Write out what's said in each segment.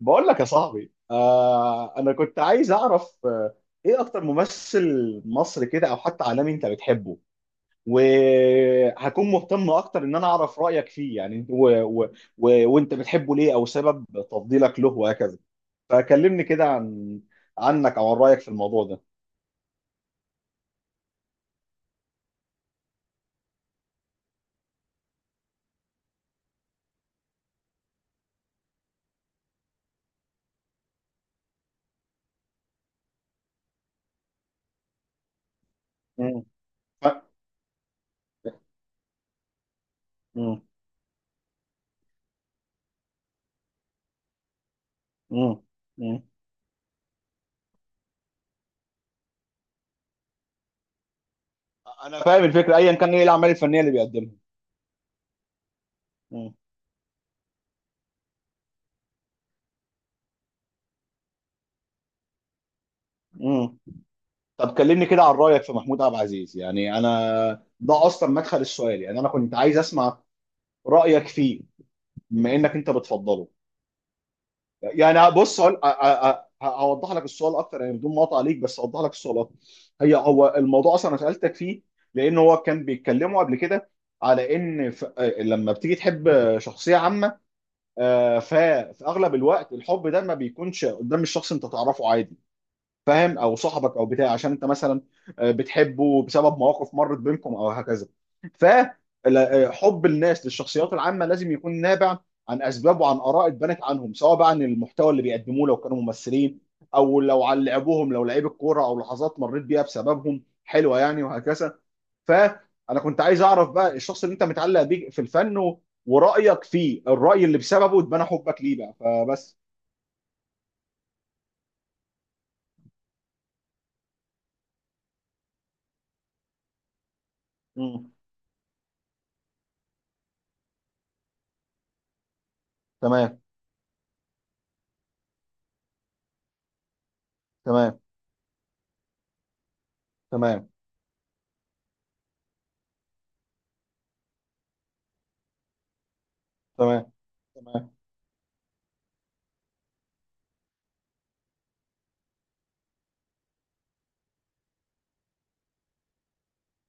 بقول لك يا صاحبي، انا كنت عايز اعرف ايه اكتر ممثل مصري كده او حتى عالمي انت بتحبه. وهكون مهتم اكتر ان انا اعرف رايك فيه يعني و... و... و... وانت بتحبه ليه او سبب تفضيلك له وهكذا. فكلمني كده عنك او عن رايك في الموضوع ده. مم. ف... مم. مم. مم. انا فاهم الفكره ايا كان ايه الاعمال الفنيه اللي بيقدمها. مم. مم. طب كلمني كده عن رأيك في محمود عبد العزيز، يعني انا ده اصلا مدخل السؤال، يعني انا كنت عايز اسمع رأيك فيه بما انك انت بتفضله. يعني بص، هوضح لك السؤال اكتر، يعني بدون مقاطعة عليك، بس هوضح لك السؤال اكتر. هو الموضوع اصلا انا سألتك فيه لان هو كان بيتكلموا قبل كده على ان لما بتيجي تحب شخصية عامة، آه، ف... في اغلب الوقت الحب ده ما بيكونش قدام الشخص انت تعرفه عادي، فاهم، او صاحبك او بتاع. عشان انت مثلا بتحبه بسبب مواقف مرت بينكم او هكذا. فحب الناس للشخصيات العامه لازم يكون نابع عن اسباب وعن اراء اتبنت عنهم، سواء بقى عن المحتوى اللي بيقدموه لو كانوا ممثلين، او لو عن لعبهم لو لعيب الكوره، او لحظات مريت بيها بسببهم حلوه يعني وهكذا. فانا كنت عايز اعرف بقى الشخص اللي انت متعلق بيه في الفن ورايك فيه، الراي اللي بسببه اتبنى حبك ليه بقى، فبس. مم. تمام. تمام. تمام. تمام. تمام.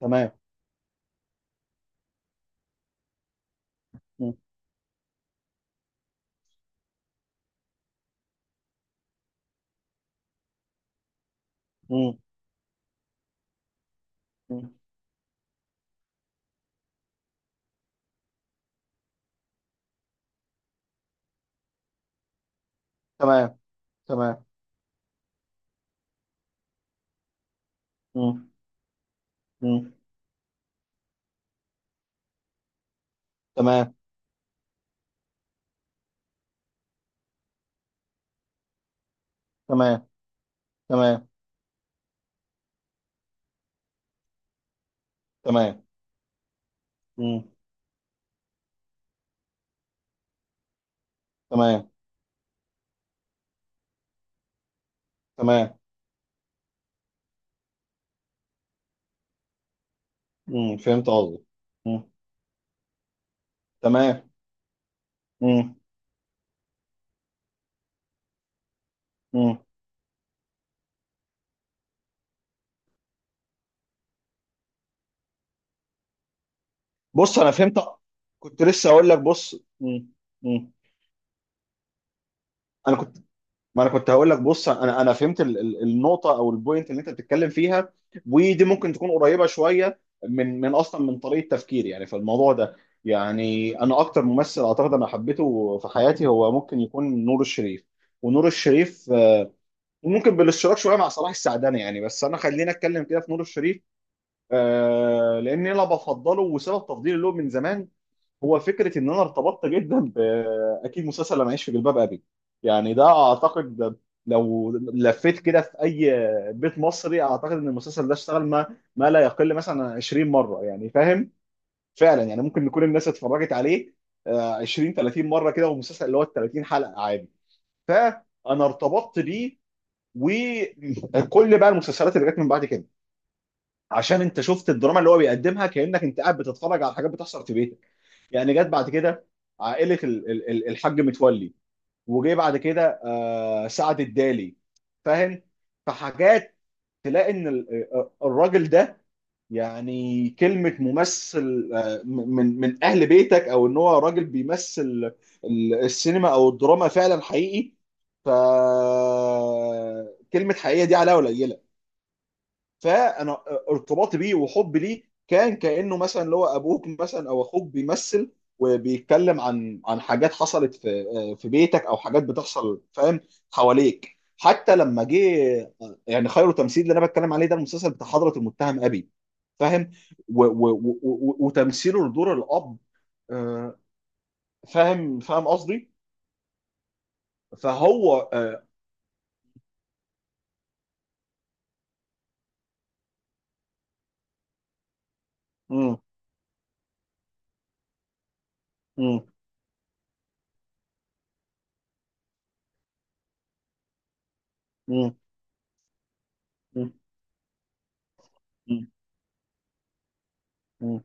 تمام. مم. مم. مم. تمام. تمام. مم. مم. تمام. تمام. تمام. تمام. مم. تمام. تمام. مم. فهمت قصدي. مم. تمام. مم. مم. بص انا فهمت. كنت لسه اقول لك بص. مم. مم. انا كنت، ما انا كنت هقول لك بص، انا فهمت النقطه او البوينت اللي انت بتتكلم فيها. ودي ممكن تكون قريبه شويه من من اصلا من طريقه تفكيري يعني في الموضوع ده. يعني انا اكتر ممثل اعتقد انا حبيته في حياتي هو ممكن يكون نور الشريف. ونور الشريف وممكن بالاشتراك شويه مع صلاح السعداني يعني. بس انا خلينا اتكلم كده في نور الشريف. لان انا بفضله، وسبب تفضيلي له من زمان هو فكره ان انا ارتبطت جدا باكيد مسلسل لما اعيش في جلباب ابي. يعني ده اعتقد ده لو لفيت كده في اي بيت مصري اعتقد ان المسلسل ده اشتغل ما ما لا يقل مثلا عن 20 مره، يعني فاهم. فعلا يعني ممكن يكون الناس اتفرجت عليه 20 30 مره كده، والمسلسل اللي هو ال 30 حلقه عادي. فانا ارتبطت بيه، وكل بقى المسلسلات اللي جت من بعد كده عشان انت شفت الدراما اللي هو بيقدمها كانك انت قاعد بتتفرج على حاجات بتحصل في بيتك. يعني جت بعد كده عائله الحاج متولي. وجي بعد كده سعد الدالي، فاهم. فحاجات تلاقي ان الراجل ده، يعني كلمه ممثل، من من اهل بيتك، او ان هو راجل بيمثل السينما او الدراما فعلا حقيقي. ف كلمه حقيقيه دي عليها ولا. فانا ارتباطي بيه وحبي ليه كان كانه مثلا اللي هو ابوك مثلا او اخوك بيمثل وبيتكلم عن حاجات حصلت في في بيتك او حاجات بتحصل، فاهم، حواليك. حتى لما جه، يعني خير تمثيل اللي انا بتكلم عليه ده المسلسل بتاع حضرة المتهم ابي، فاهم، و و و و وتمثيله لدور الاب آه، فاهم فاهم قصدي. فهو مم، مم، مم، مم، مم،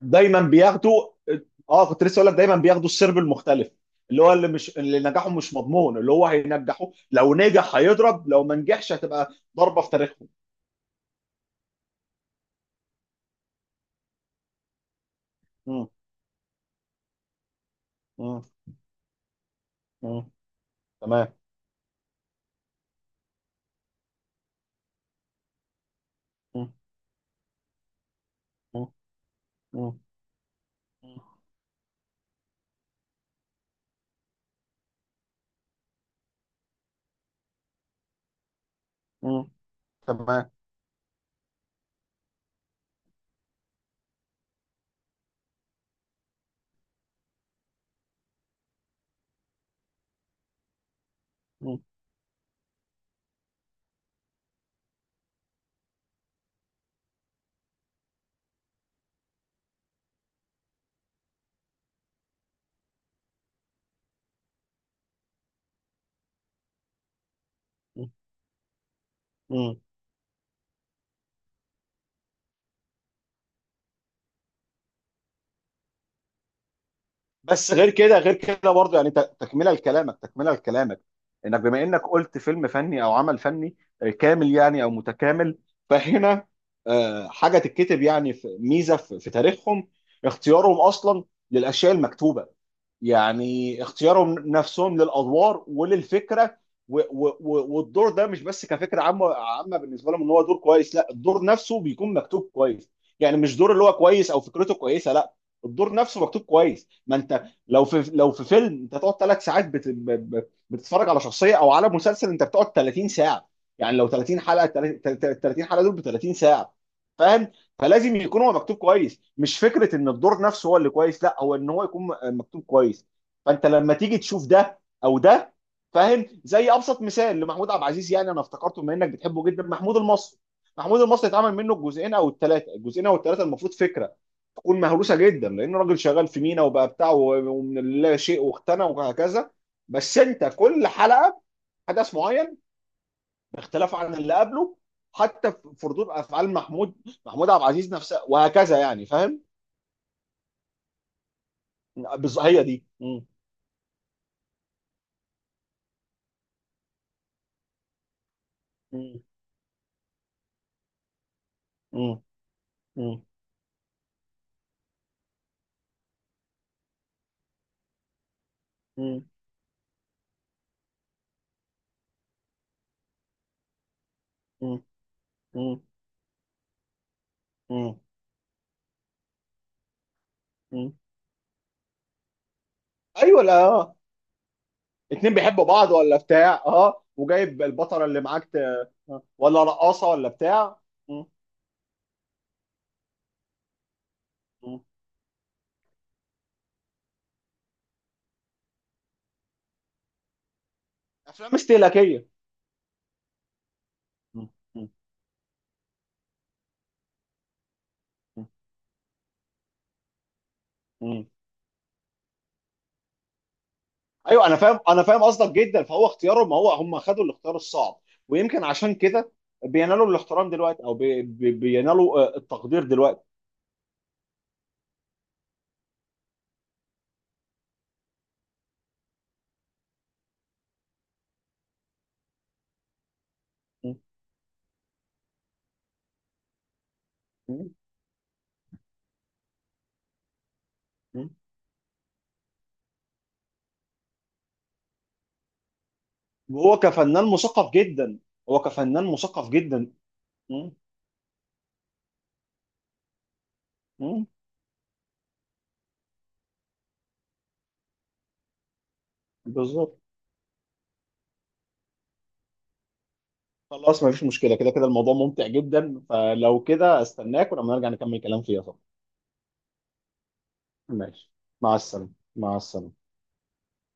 دايما بياخدوا. اه كنت لسه اقول لك دايما بياخدوا السرب المختلف، اللي هو اللي مش اللي نجاحه مش مضمون، اللي هو هينجحه لو نجح هيضرب، لو ما نجحش هتبقى ضربة في تاريخهم. مم. مم. مم. تمام. مم. مم. مم. مم. تمام. مم. مم. بس غير كده، غير كده برضه يعني، تكمله لكلامك، تكمله لكلامك انك، بما انك قلت فيلم فني او عمل فني كامل يعني او متكامل. فهنا حاجه تتكتب يعني في ميزه في في تاريخهم، اختيارهم اصلا للاشياء المكتوبه. يعني اختيارهم نفسهم للادوار وللفكره. و و و والدور ده مش بس كفكره عامه عامه بالنسبه لهم ان هو دور كويس، لا، الدور نفسه بيكون مكتوب كويس. يعني مش دور اللي هو كويس او فكرته كويسه، لا، الدور نفسه مكتوب كويس. ما انت لو في لو في فيلم انت تقعد ثلاث ساعات بتتفرج على شخصيه، او على مسلسل انت بتقعد 30 ساعه. يعني لو 30 حلقه، 30 حلقه دول ب 30 ساعه، فاهم. فلازم يكون هو مكتوب كويس، مش فكره ان الدور نفسه هو اللي كويس، لا، هو ان هو يكون مكتوب كويس. فانت لما تيجي تشوف ده او ده، فاهم، زي ابسط مثال لمحمود عبد العزيز يعني، انا افتكرته بما انك بتحبه جدا، محمود المصري. محمود المصري اتعمل منه الجزئين او الثلاثه. الجزئين او الثلاثه المفروض فكره تكون مهروسه جدا لانه راجل شغال في مينا وبقى بتاعه ومن لا شيء واختنى وهكذا. بس انت كل حلقه حدث معين باختلافه عن اللي قبله، حتى في ردود افعال محمود، محمود عبد العزيز نفسه وهكذا، يعني فاهم. هي دي. مم. مم. مم. مم. مم. مم. مم. مم. مم. ايوه. لا آه. اتنين بيحبوا بعض ولا بتاع، اه، وجايب البطله اللي معاك آه. ولا رقاصه ولا بتاع. مم. مم. افلام استهلاكيه. مم. مم. مم. ايوه انا فاهم، انا فاهم قصدك جدا. فهو اختياره، ما هو هم خدوا الاختيار الصعب، ويمكن عشان كده بينالوا الاحترام دلوقتي، او بي بي بينالوا التقدير دلوقتي. م- م- م. وهو كفنان مثقف جدا. هو كفنان مثقف جدا. م- م. بالظبط. خلاص ما فيش مشكله، كده كده الموضوع ممتع جدا، فلو كده استناك ولما نرجع نكمل كلام فيها طبعا. ماشي. مع السلامه. مع السلامه.